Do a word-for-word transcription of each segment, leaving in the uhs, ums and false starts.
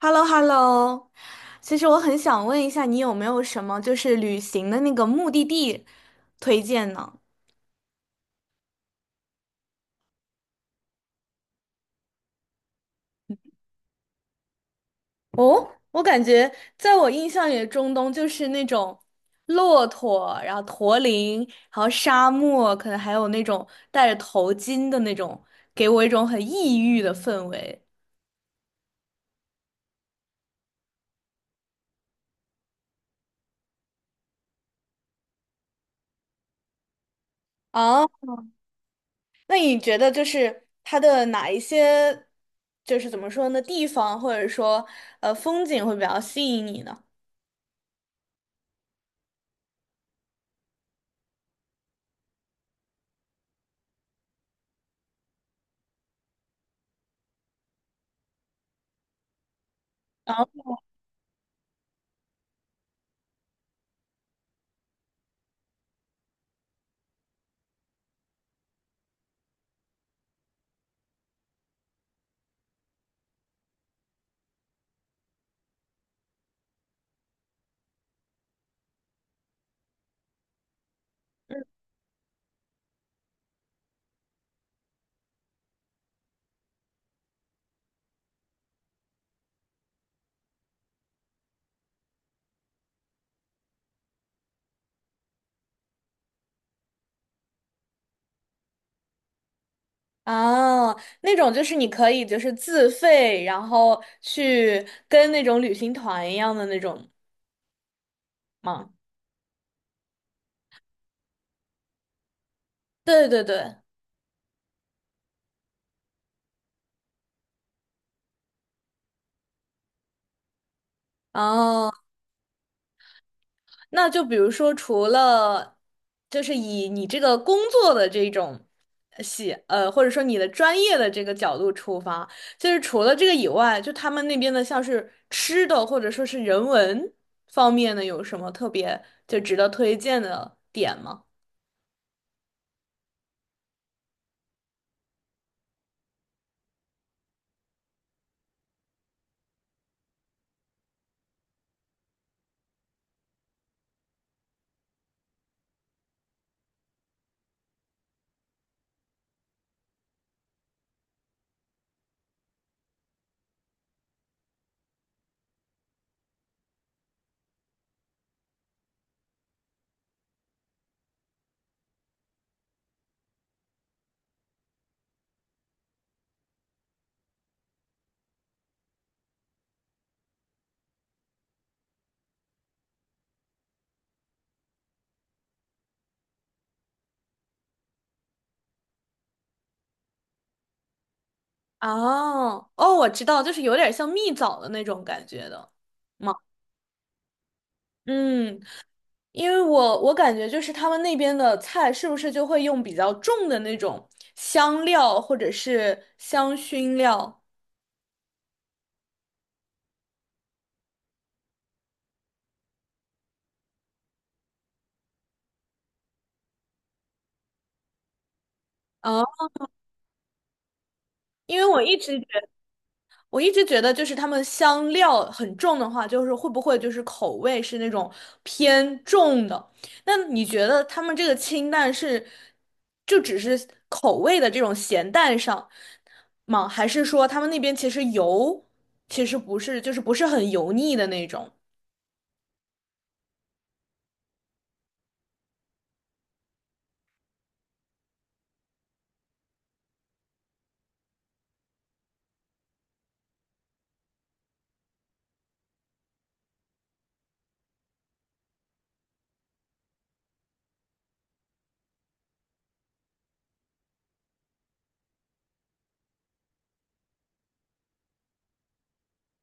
h e l l o h e l l o 其实我很想问一下，你有没有什么就是旅行的那个目的地推荐呢？哦，我感觉在我印象里，中东就是那种骆驼，然后驼铃，然后沙漠，可能还有那种戴着头巾的那种，给我一种很异域的氛围。啊。那你觉得就是它的哪一些，就是怎么说呢，地方或者说呃风景会比较吸引你呢？哦，那种就是你可以就是自费，然后去跟那种旅行团一样的那种吗？对对对，哦，那就比如说除了就是以你这个工作的这种呃喜呃，或者说你的专业的这个角度出发，就是除了这个以外，就他们那边的像是吃的或者说是人文方面的有什么特别就值得推荐的点吗？哦哦，我知道，就是有点像蜜枣的那种感觉的吗？嗯，因为我我感觉就是他们那边的菜是不是就会用比较重的那种香料或者是香薰料啊？因为我一直我一直觉得，就是他们香料很重的话，就是会不会就是口味是那种偏重的？那你觉得他们这个清淡是就只是口味的这种咸淡上吗？还是说他们那边其实油其实不是，就是不是很油腻的那种？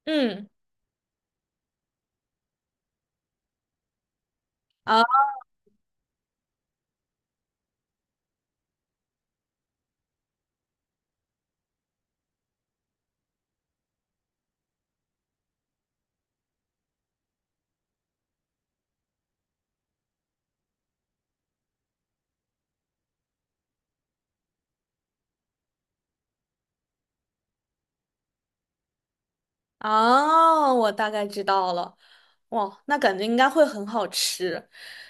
嗯，啊。哦，我大概知道了。哇，那感觉应该会很好吃，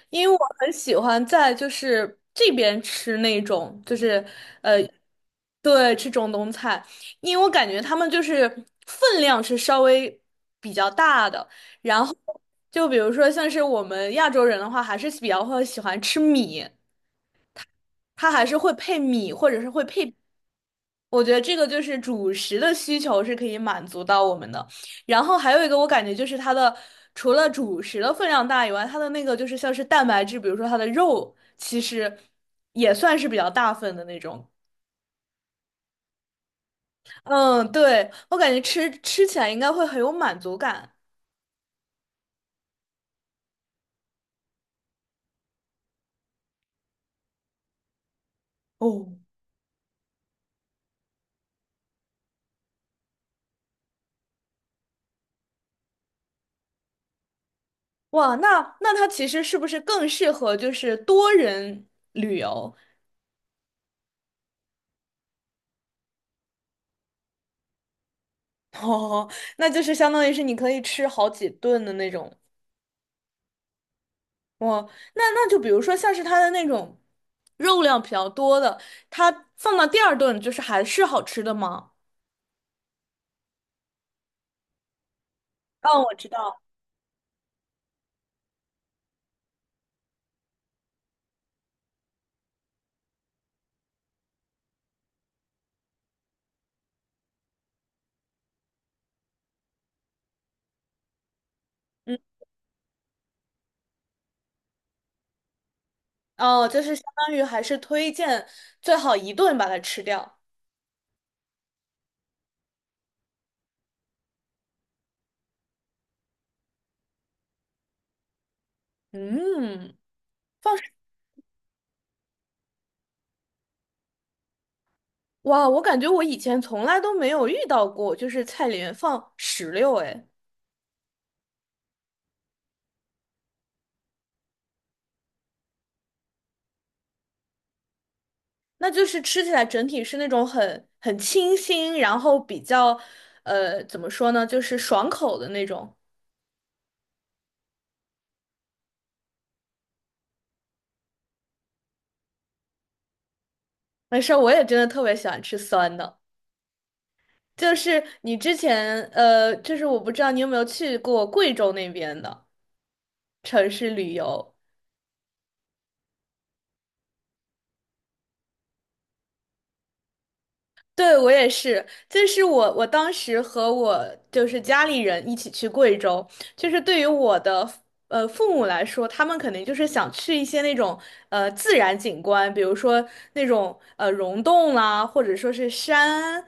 因为我很喜欢在就是这边吃那种就是呃，对，吃中东菜，因为我感觉他们就是分量是稍微比较大的，然后就比如说像是我们亚洲人的话，还是比较会喜欢吃米，它还是会配米或者是会配。我觉得这个就是主食的需求是可以满足到我们的，然后还有一个我感觉就是它的除了主食的分量大以外，它的那个就是像是蛋白质，比如说它的肉，其实也算是比较大份的那种。嗯，对，我感觉吃吃起来应该会很有满足感。哦，哇，那那它其实是不是更适合就是多人旅游？哦，那就是相当于是你可以吃好几顿的那种。哇，那那就比如说像是它的那种肉量比较多的，它放到第二顿就是还是好吃的吗？哦，我知道，嗯，哦，就是相当于还是推荐最好一顿把它吃掉。嗯，放，哇，我感觉我以前从来都没有遇到过，就是菜里面放石榴，哎，那就是吃起来整体是那种很很清新，然后比较，呃，怎么说呢，就是爽口的那种。没事儿，我也真的特别喜欢吃酸的。就是你之前呃，就是我不知道你有没有去过贵州那边的城市旅游。对，我也是，就是我，我当时和我就是家里人一起去贵州，就是对于我的呃父母来说，他们肯定就是想去一些那种呃自然景观，比如说那种呃溶洞啦，或者说是山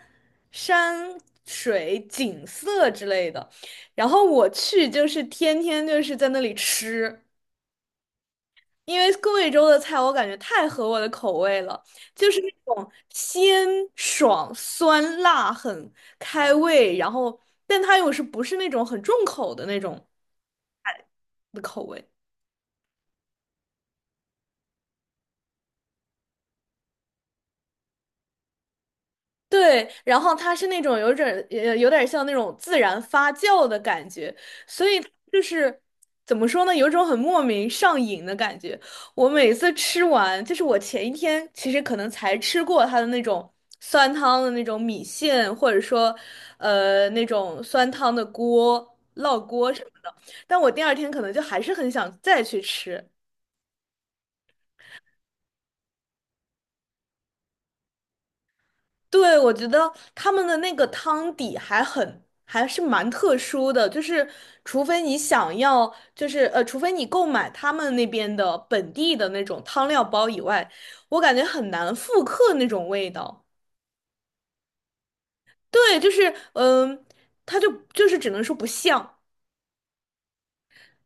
山水景色之类的。然后我去就是天天就是在那里吃。因为贵州的菜我感觉太合我的口味了，就是那种鲜爽、酸辣、很开胃，然后但它又是不是那种很重口的那种的口味。对，然后它是那种有点儿呃有点儿像那种自然发酵的感觉，所以就是怎么说呢，有一种很莫名上瘾的感觉。我每次吃完，就是我前一天其实可能才吃过它的那种酸汤的那种米线，或者说呃那种酸汤的锅、烙锅什么的，但我第二天可能就还是很想再去吃。对，我觉得他们的那个汤底还很，还是蛮特殊的，就是除非你想要，就是呃，除非你购买他们那边的本地的那种汤料包以外，我感觉很难复刻那种味道。对，就是嗯，它就就是只能说不像，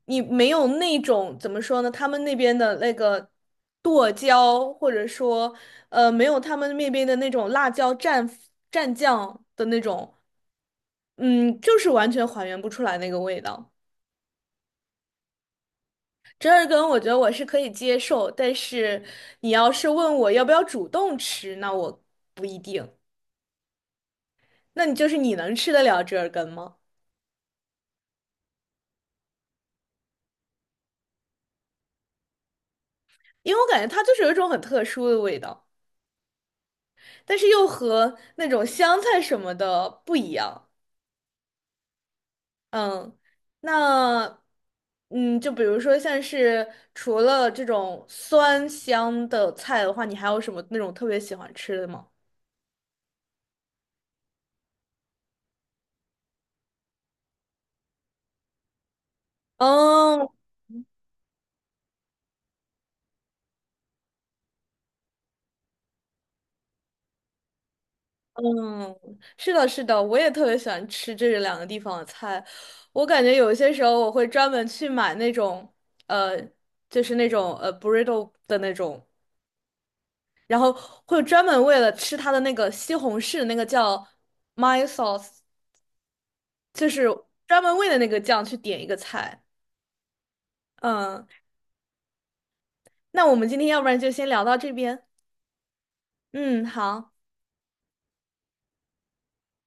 你没有那种怎么说呢，他们那边的那个剁椒，或者说呃，没有他们那边的那种辣椒蘸蘸酱的那种。嗯，就是完全还原不出来那个味道。折耳根，我觉得我是可以接受，但是你要是问我要不要主动吃，那我不一定。那你就是你能吃得了折耳根吗？因为我感觉它就是有一种很特殊的味道，但是又和那种香菜什么的不一样。嗯，那嗯，就比如说像是除了这种酸香的菜的话，你还有什么那种特别喜欢吃的吗？哦，嗯，是的，是的，我也特别喜欢吃这两个地方的菜。我感觉有些时候我会专门去买那种，呃，就是那种呃 burrito 的那种，然后会专门为了吃它的那个西红柿，那个叫 m y sauce，就是专门为了那个酱去点一个菜。嗯，那我们今天要不然就先聊到这边。嗯，好。